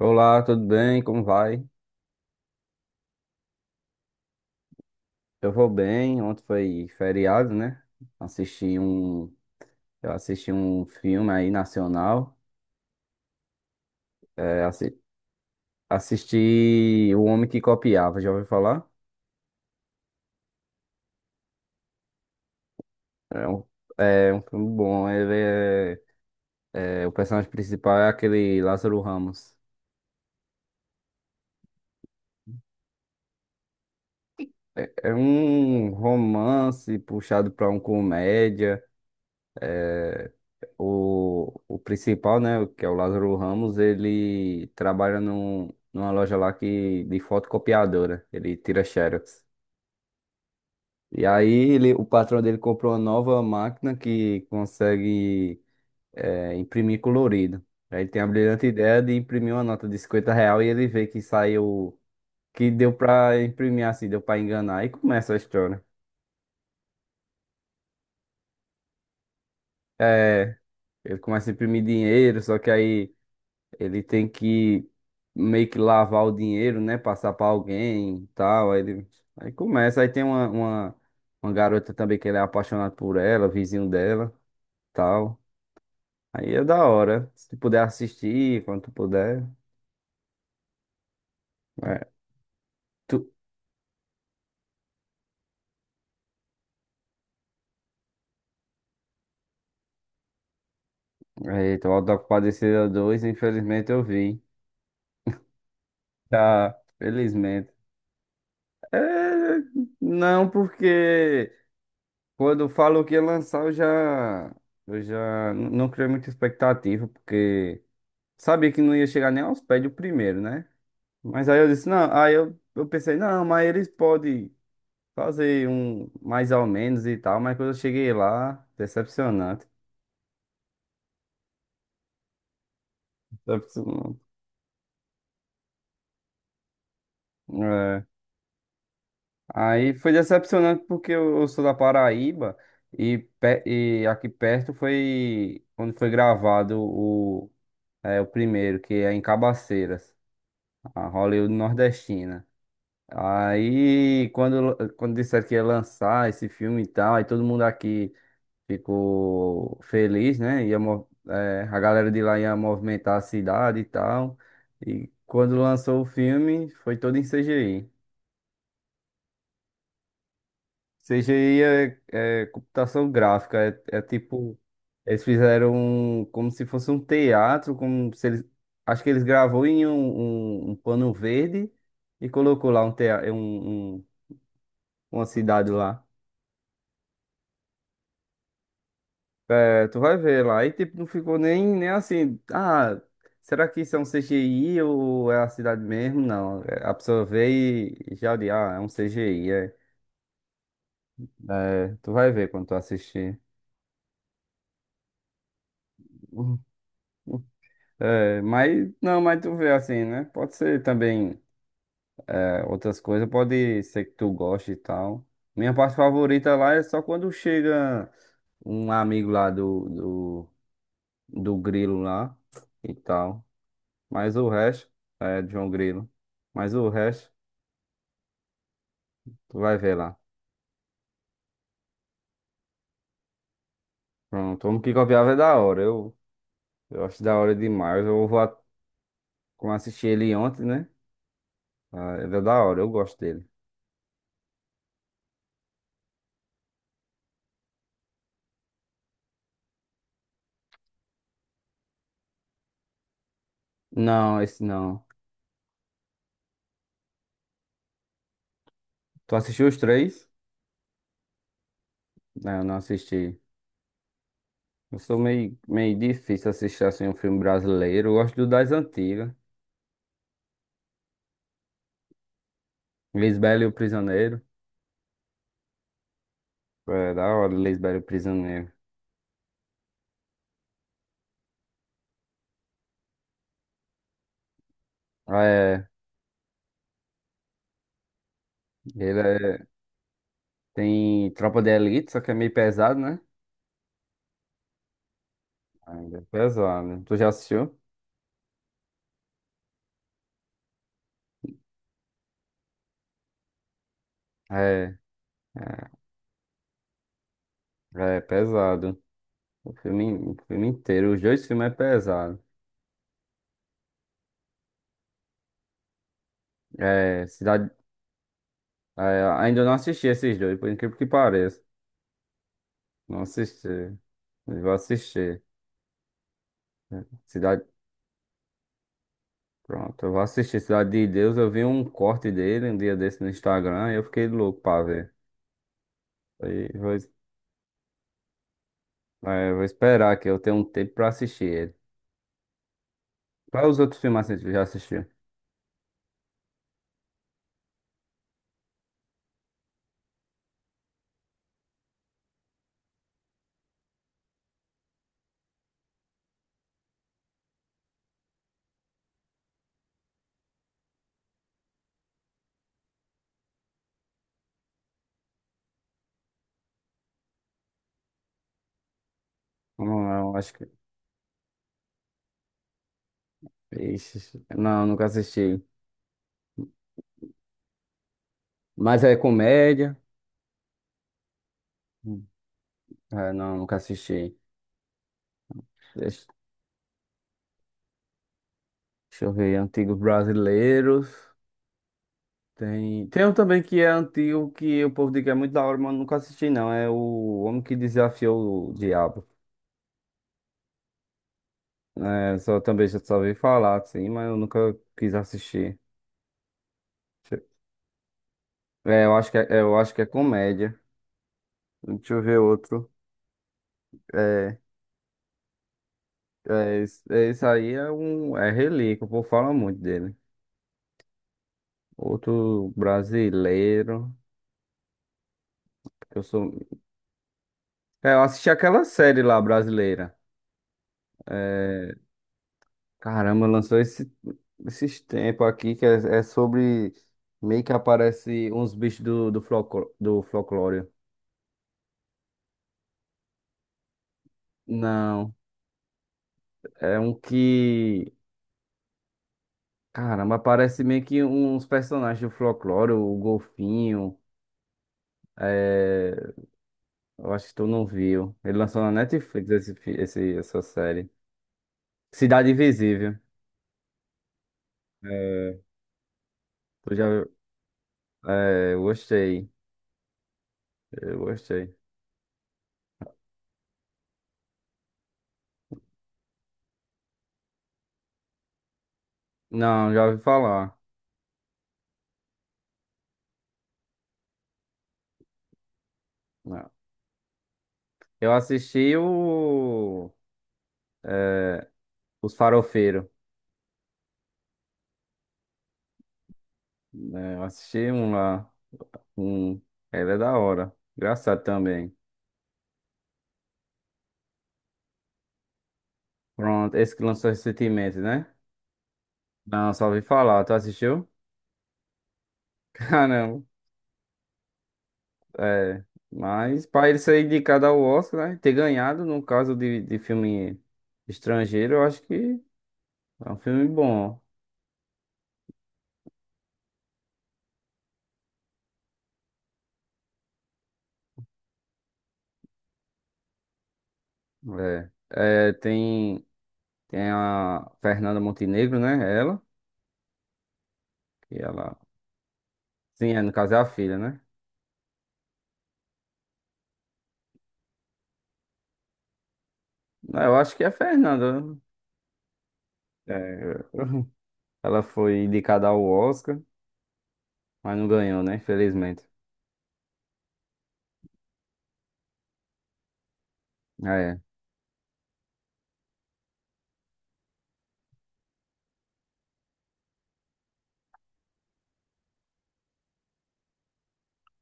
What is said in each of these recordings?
Olá, tudo bem? Como vai? Eu vou bem. Ontem foi feriado, né? Assisti um, eu assisti um filme aí nacional. É, assisti O Homem que Copiava, já ouviu falar? É um, é um filme bom. O personagem principal é aquele Lázaro Ramos. É um romance puxado pra um comédia. O principal, né, que é o Lázaro Ramos, ele trabalha numa loja lá que, de fotocopiadora, ele tira Xerox. E aí o patrão dele comprou uma nova máquina que consegue imprimir colorido. Aí ele tem a brilhante ideia de imprimir uma nota de R$ 50 e ele vê que saiu, que deu pra imprimir assim, deu pra enganar e começa a história. É, ele começa a imprimir dinheiro, só que aí ele tem que meio que lavar o dinheiro, né? Passar pra alguém e tal. Aí começa. Aí tem uma garota também que ele é apaixonado por ela, vizinho dela, tal. Aí é da hora. Se tu puder assistir, quando tu puder. É, tu... Eita, o Auto da Compadecida 2, infelizmente eu vi. Tá, felizmente. É, não, porque quando falou que ia lançar, eu já. Eu já não criei muita expectativa, porque. Sabia que não ia chegar nem aos pés do primeiro, né? Mas aí eu disse, não, aí eu pensei, não, mas eles podem fazer um mais ou menos e tal, mas quando eu cheguei lá, decepcionante. Decepcionante. É. Aí foi decepcionante porque eu sou da Paraíba e aqui perto foi quando foi gravado o primeiro, que é em Cabaceiras, a Hollywood nordestina. Aí, quando disseram que ia lançar esse filme e tal, aí todo mundo aqui ficou feliz, né? A galera de lá ia movimentar a cidade e tal. E quando lançou o filme, foi todo em CGI. CGI é computação gráfica, é tipo. Como se fosse um teatro, como se eles. Acho que eles gravou em um pano verde e colocou lá uma cidade lá. É, tu vai ver lá. E tipo, não ficou nem assim. Ah, será que isso é um CGI ou é a cidade mesmo? Não. É, a pessoa vê e já é um CGI. É. É, tu vai ver quando tu assistir. É, mas não, mas tu vê assim, né? Pode ser também outras coisas, pode ser que tu goste e tal. Minha parte favorita lá é só quando chega um amigo lá do Grilo lá e tal. Mas o resto, é de João Grilo. Mas o resto, tu vai ver lá. Pronto, o Homem que Copiava é da hora. Eu acho da hora demais. Como eu assisti ele ontem, né? Ah, ele é da hora, eu gosto dele. Não, esse não. Tu assistiu os três? Não, eu não assisti. Eu sou meio, meio difícil assistir assim um filme brasileiro. Eu gosto do das antigas. Lisbela e o Prisioneiro. É da hora, Lisbela e o Prisioneiro. Ah, é, ele é, tem Tropa de Elite, só que é meio pesado, né? Ainda é pesado. Tu já assistiu? É, é pesado. O filme inteiro, os dois filmes é pesado. É, Cidade. É, ainda não assisti esses dois, por incrível que pareça. Não assisti. Mas vou assistir. É, Cidade. Pronto, eu vou assistir Cidade de Deus. Eu vi um corte dele um dia desse no Instagram e eu fiquei louco pra ver. Aí vou, es- é, Vou esperar que eu tenha um tempo pra assistir ele. Quais os outros filmes assim que tu já assistiu? Não, não, acho que. Ixi, não, nunca assisti. Mas é comédia. Hum. É, não, nunca assisti. Deixa, Deixa eu ver, antigos brasileiros. Tem um também que é antigo, que o povo diz que é muito da hora, mas nunca assisti, não. É o Homem que Desafiou o Diabo. É, só, também já só ouvi falar, assim, mas eu nunca quis assistir. Deixa É, eu acho que é comédia. Deixa eu ver outro. É, Esse aí é relíquia, o povo fala muito dele. Outro brasileiro, que eu sou, eu assisti aquela série lá brasileira. É, caramba, lançou esses tempos aqui que é sobre meio que aparece uns bichos do folclore. Não, é um que. Caramba, aparece meio que uns personagens do folclore, o Golfinho. É, eu acho que tu não viu. Ele lançou na Netflix essa série. Cidade Invisível. É, Tu já. É, eu gostei. Eu gostei. Não, já ouvi falar. Não. Eu assisti o... Os Farofeiros. Né? Eu assisti um lá. Um... Ele é da hora. Engraçado também. Pronto, esse que lançou recentemente, né? Não, só ouvi falar. Tu assistiu? Caramba. É. Mas pra ele ser indicado ao Oscar, né? Ter ganhado, no caso de filme estrangeiro, eu acho que é um filme bom. É. É, tem a Fernanda Montenegro, né? Ela. Que ela. Sim, é, no caso é a filha, né? Ah, eu acho que é a Fernanda. Né? É, ela foi indicada ao Oscar, mas não ganhou, né? Infelizmente. Ah, é.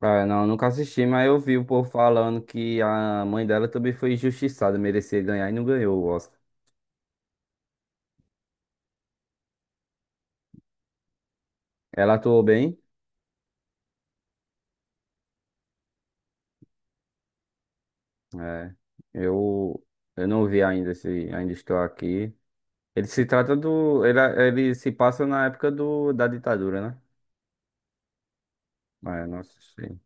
Ah, não, eu nunca assisti, mas eu vi o povo falando que a mãe dela também foi injustiçada, merecia ganhar e não ganhou o Oscar. Ela atuou bem. É. Eu, eu não vi ainda se ainda estou aqui. Ele se trata do. Ele se passa na época da ditadura, né? Mas não assisti.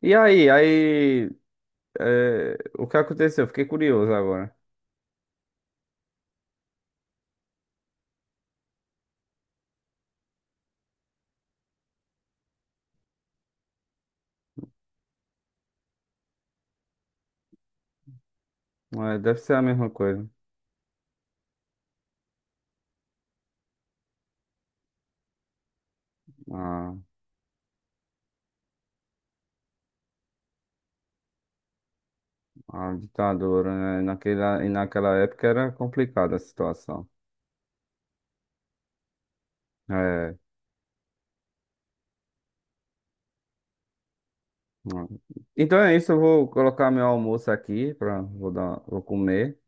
E aí, aí. O que aconteceu? Fiquei curioso agora. É, deve ser a mesma coisa. A, a ditadura, né? E naquela época era complicada a situação. É. Então é isso, eu vou colocar meu almoço aqui para vou comer.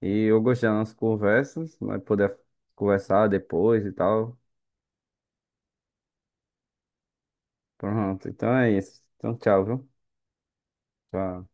E eu gostei das nossas conversas, vai poder conversar depois e tal. Pronto, então é isso. Então tchau, viu? Tchau.